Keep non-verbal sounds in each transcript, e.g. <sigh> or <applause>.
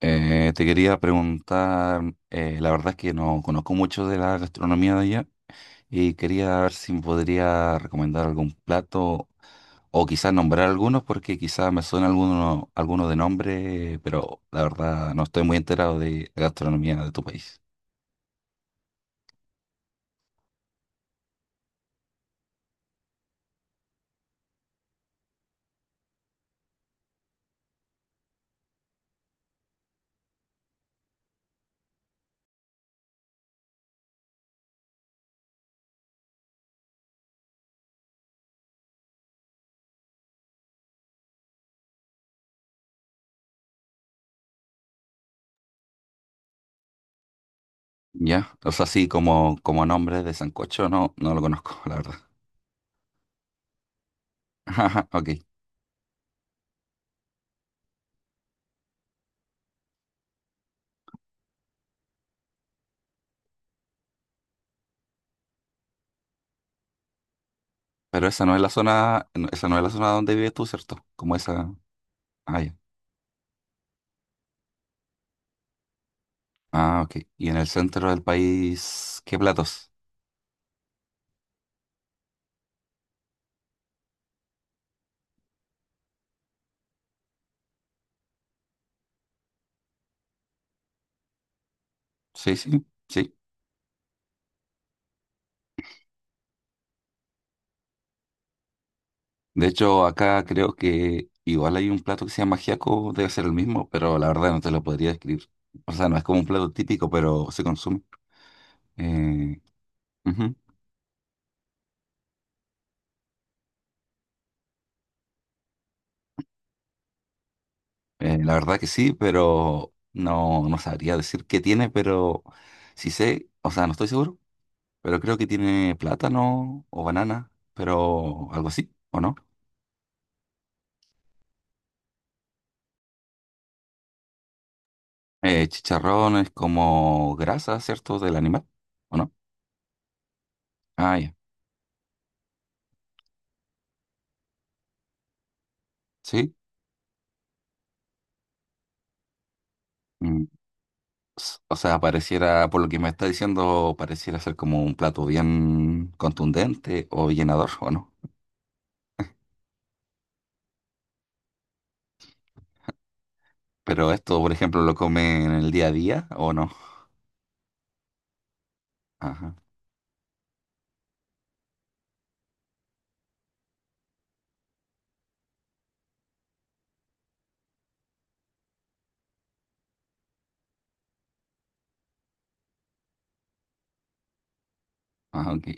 Te quería preguntar, la verdad es que no conozco mucho de la gastronomía de allá y quería ver si me podría recomendar algún plato o quizás nombrar algunos porque quizás me suena alguno, alguno de nombre, pero la verdad no estoy muy enterado de la gastronomía de tu país. ¿Ya? O sea, sí, como, como nombre de sancocho, no, no lo conozco, la verdad. <laughs> Ajá, ok. Pero esa no es la zona, esa no es la zona donde vives tú, ¿cierto? Como esa... Ah, ya. Ah, ok. Y en el centro del país, ¿qué platos? Sí, sí, sí. De hecho, acá creo que igual hay un plato que se llama ajiaco, debe ser el mismo, pero la verdad no te lo podría describir. O sea, no es como un plato típico, pero se consume. Eh, ujú. La verdad que sí, pero no, no sabría decir qué tiene, pero sí sé, o sea, no estoy seguro, pero creo que tiene plátano o banana, pero algo así, ¿o no? Chicharrón es como grasa, ¿cierto? Del animal. ¿O no? Ah, ya. Sí. Mm, o sea, pareciera, por lo que me está diciendo, pareciera ser como un plato bien contundente o llenador, ¿o no? Pero esto, por ejemplo, lo comen en el día a día, ¿o no? Ajá. Ah, ok.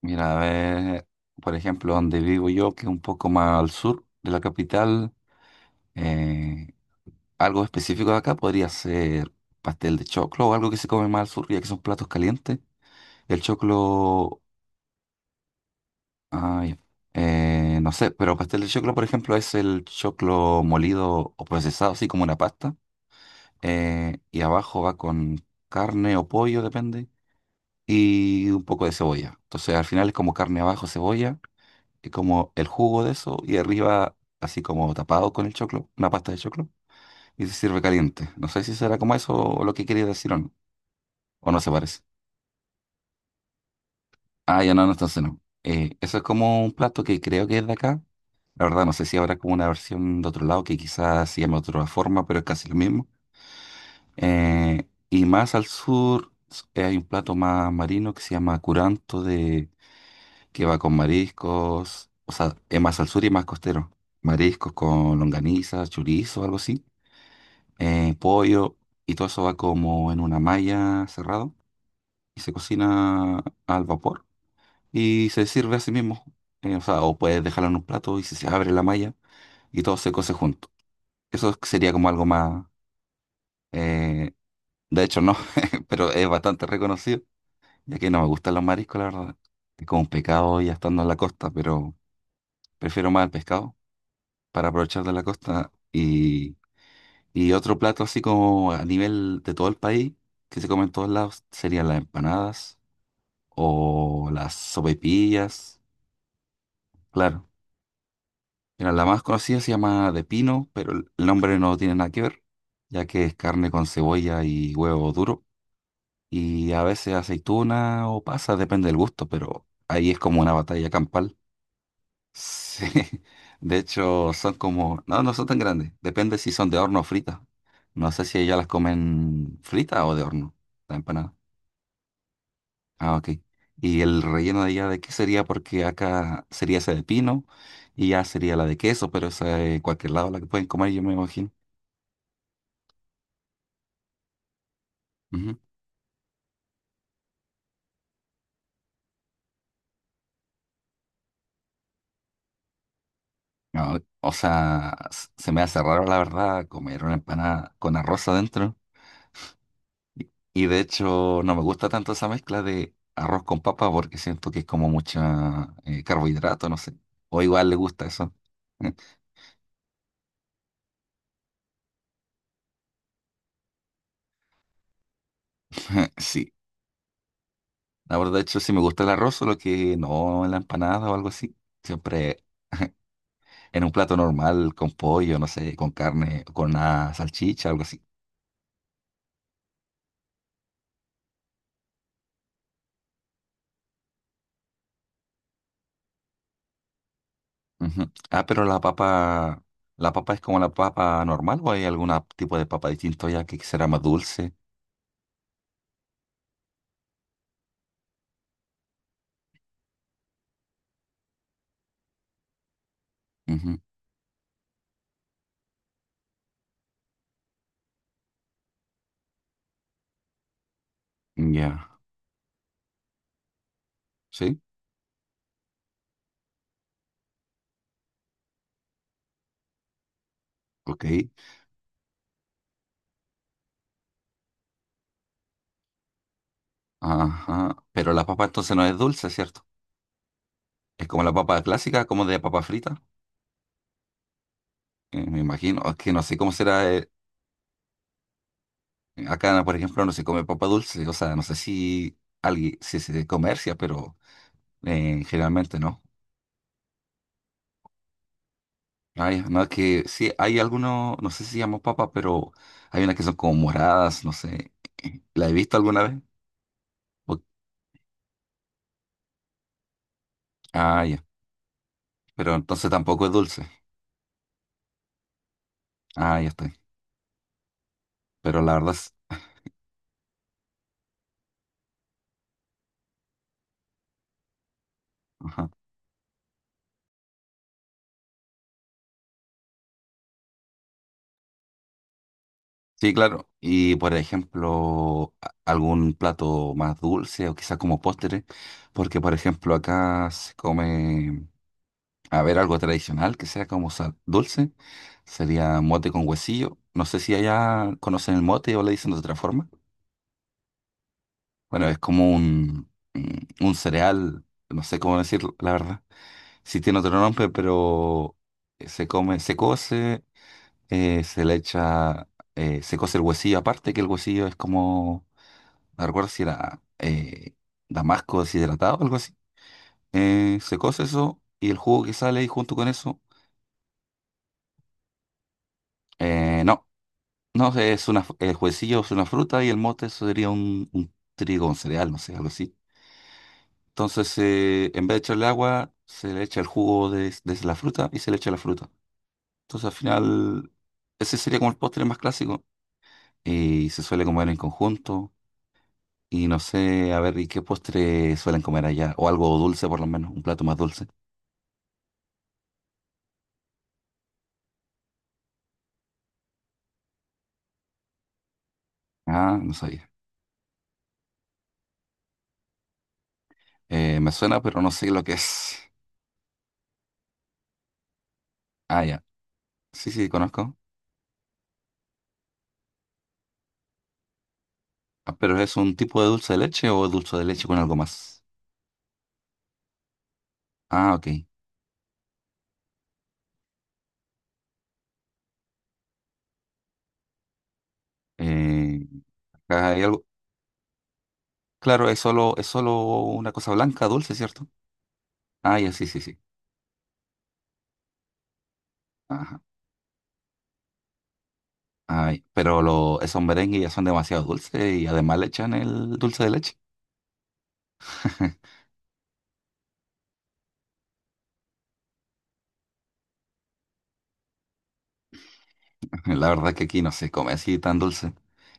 Mira, a ver, por ejemplo, donde vivo yo, que es un poco más al sur de la capital, eh, algo específico de acá podría ser pastel de choclo o algo que se come más al sur, ya que son platos calientes. El choclo. Ah, ya. No sé, pero pastel de choclo, por ejemplo, es el choclo molido o procesado, así como una pasta. Y abajo va con carne o pollo, depende, y un poco de cebolla. Entonces, al final es como carne abajo, cebolla, y como el jugo de eso, y arriba, así como tapado con el choclo, una pasta de choclo, y se sirve caliente. No sé si será como eso o lo que quería decir o no se parece. Ah, ya no, no, entonces no. Eso es como un plato que creo que es de acá. La verdad, no sé si habrá como una versión de otro lado que quizás se llame de otra forma, pero es casi lo mismo. Y más al sur hay un plato más marino que se llama curanto, de, que va con mariscos, o sea, es más al sur y más costero. Mariscos con longaniza, chorizo, algo así, pollo, y todo eso va como en una malla cerrado y se cocina al vapor y se sirve así mismo. O sea, o puedes dejarlo en un plato y se abre la malla y todo se cose junto. Eso sería como algo más... eh, de hecho, no, <laughs> pero es bastante reconocido, ya que no me gustan los mariscos, la verdad. Es como un pecado ya estando en la costa, pero prefiero más el pescado para aprovechar de la costa. Y otro plato así como a nivel de todo el país, que se come en todos lados, serían las empanadas o las sopaipillas. Claro, mira, la más conocida se llama de pino, pero el nombre no tiene nada que ver, ya que es carne con cebolla y huevo duro. Y a veces aceituna o pasa, depende del gusto, pero ahí es como una batalla campal. Sí. <laughs> De hecho, son como, no, no son tan grandes, depende si son de horno o fritas. No sé si ellas las comen fritas o de horno, la empanada. Ah, ok. ¿Y el relleno de ella de qué sería? Porque acá sería esa de pino y ya sería la de queso, pero esa de cualquier lado la que pueden comer, yo me imagino. Ujú. No, o sea, se me hace raro la verdad comer una empanada con arroz adentro. Y de hecho no me gusta tanto esa mezcla de arroz con papa porque siento que es como mucha carbohidrato, no sé. O igual le gusta eso. <laughs> Sí, la verdad, de hecho, sí me gusta el arroz, solo que no en la empanada o algo así. Siempre en un plato normal, con pollo, no sé, con carne, con una salchicha, algo así. Ujú. Ah, pero ¿la papa es como la papa normal o hay algún tipo de papa distinto ya que será más dulce? Ujú. Ya, sí, ok. Ajá. Pero la papa entonces no es dulce, ¿cierto? Es como la papa clásica, como de papa frita. Me imagino. Es que no sé cómo será. Acá, por ejemplo, no se come papa dulce. O sea, no sé si alguien si se comercia, pero generalmente no. Ay, no, es que sí, hay algunos, no sé si llamamos papa, pero hay unas que son como moradas, no sé. ¿La he visto alguna vez? O- Ah, ya. Pero entonces tampoco es dulce. Ah, ya estoy. Pero la verdad es. Ajá. Sí, claro. Y por ejemplo, algún plato más dulce o quizás como postre, porque por ejemplo acá se come, a ver, algo tradicional que sea como dulce, sería mote con huesillo. No sé si allá conocen el mote o le dicen de otra forma. Bueno, es como un, un cereal, no sé cómo decirlo, la verdad. Sí tiene otro nombre, pero se come, se cose, se le echa, se cose el huesillo aparte, que el huesillo es como no recuerdo si era damasco deshidratado o algo así. Se cose eso y el jugo que sale ahí junto con eso. No, no sé, es una, el juecillo es una fruta y el mote eso sería un trigo, un cereal, no sé, algo así. Entonces, en vez de echarle agua, se le echa el jugo de la fruta y se le echa la fruta. Entonces, al final, ese sería como el postre más clásico y se suele comer en conjunto. Y no sé, a ver, ¿y qué postre suelen comer allá? O algo dulce, por lo menos, un plato más dulce. Ah, no sabía. Me suena, pero no sé lo que es. Ah, ya. Sí, sí, conozco. Ah, pero ¿es un tipo de dulce de leche o dulce de leche con algo más? Ah, ok. Eh, acá hay algo. Claro, es solo una cosa blanca, dulce, ¿cierto? Ah, ya, sí, sí, sí. Ajá. Ay, pero lo, esos merengues ya son demasiado dulces y además le echan el dulce de leche. <laughs> La verdad que aquí no se come así tan dulce.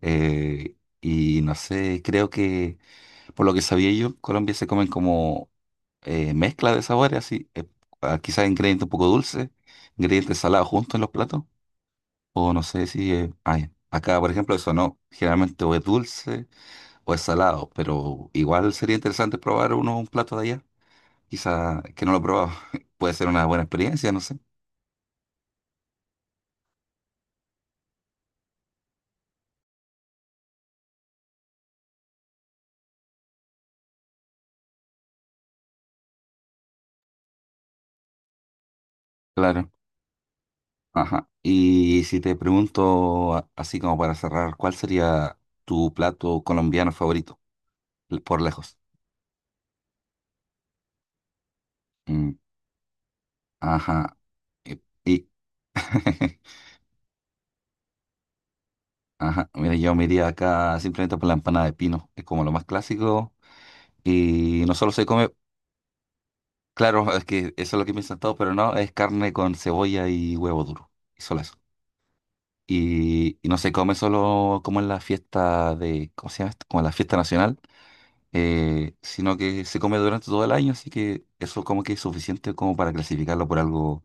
Eh, y no sé, creo que por lo que sabía yo, Colombia se comen como mezcla de sabores así, quizás ingredientes un poco dulces, ingredientes salados juntos en los platos, o no sé si, ay, acá por ejemplo eso no, generalmente o es dulce o es salado, pero igual sería interesante probar uno un plato de allá, quizás que no lo he probado, <laughs> puede ser una buena experiencia, no sé, claro, ajá, y si te pregunto así como para cerrar, ¿cuál sería tu plato colombiano favorito, por lejos? Mm, ajá. Y, y- <laughs> Ajá, mira, yo me iría acá simplemente por la empanada de pino, es como lo más clásico. Y no solo se come, claro, es que eso es lo que piensan todos, pero no, es carne con cebolla y huevo duro, y solo eso. Y no se come solo como en la fiesta de, ¿cómo se llama esto? Como en la fiesta nacional, sino que se come durante todo el año, así que eso como que es suficiente como para clasificarlo por algo,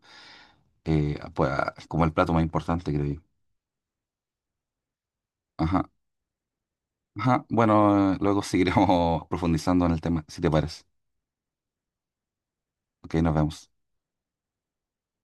pues, como el plato más importante, creo yo. Ajá, ajá, bueno, luego seguiremos <laughs> profundizando en el tema, si te parece. Ok, nos vemos.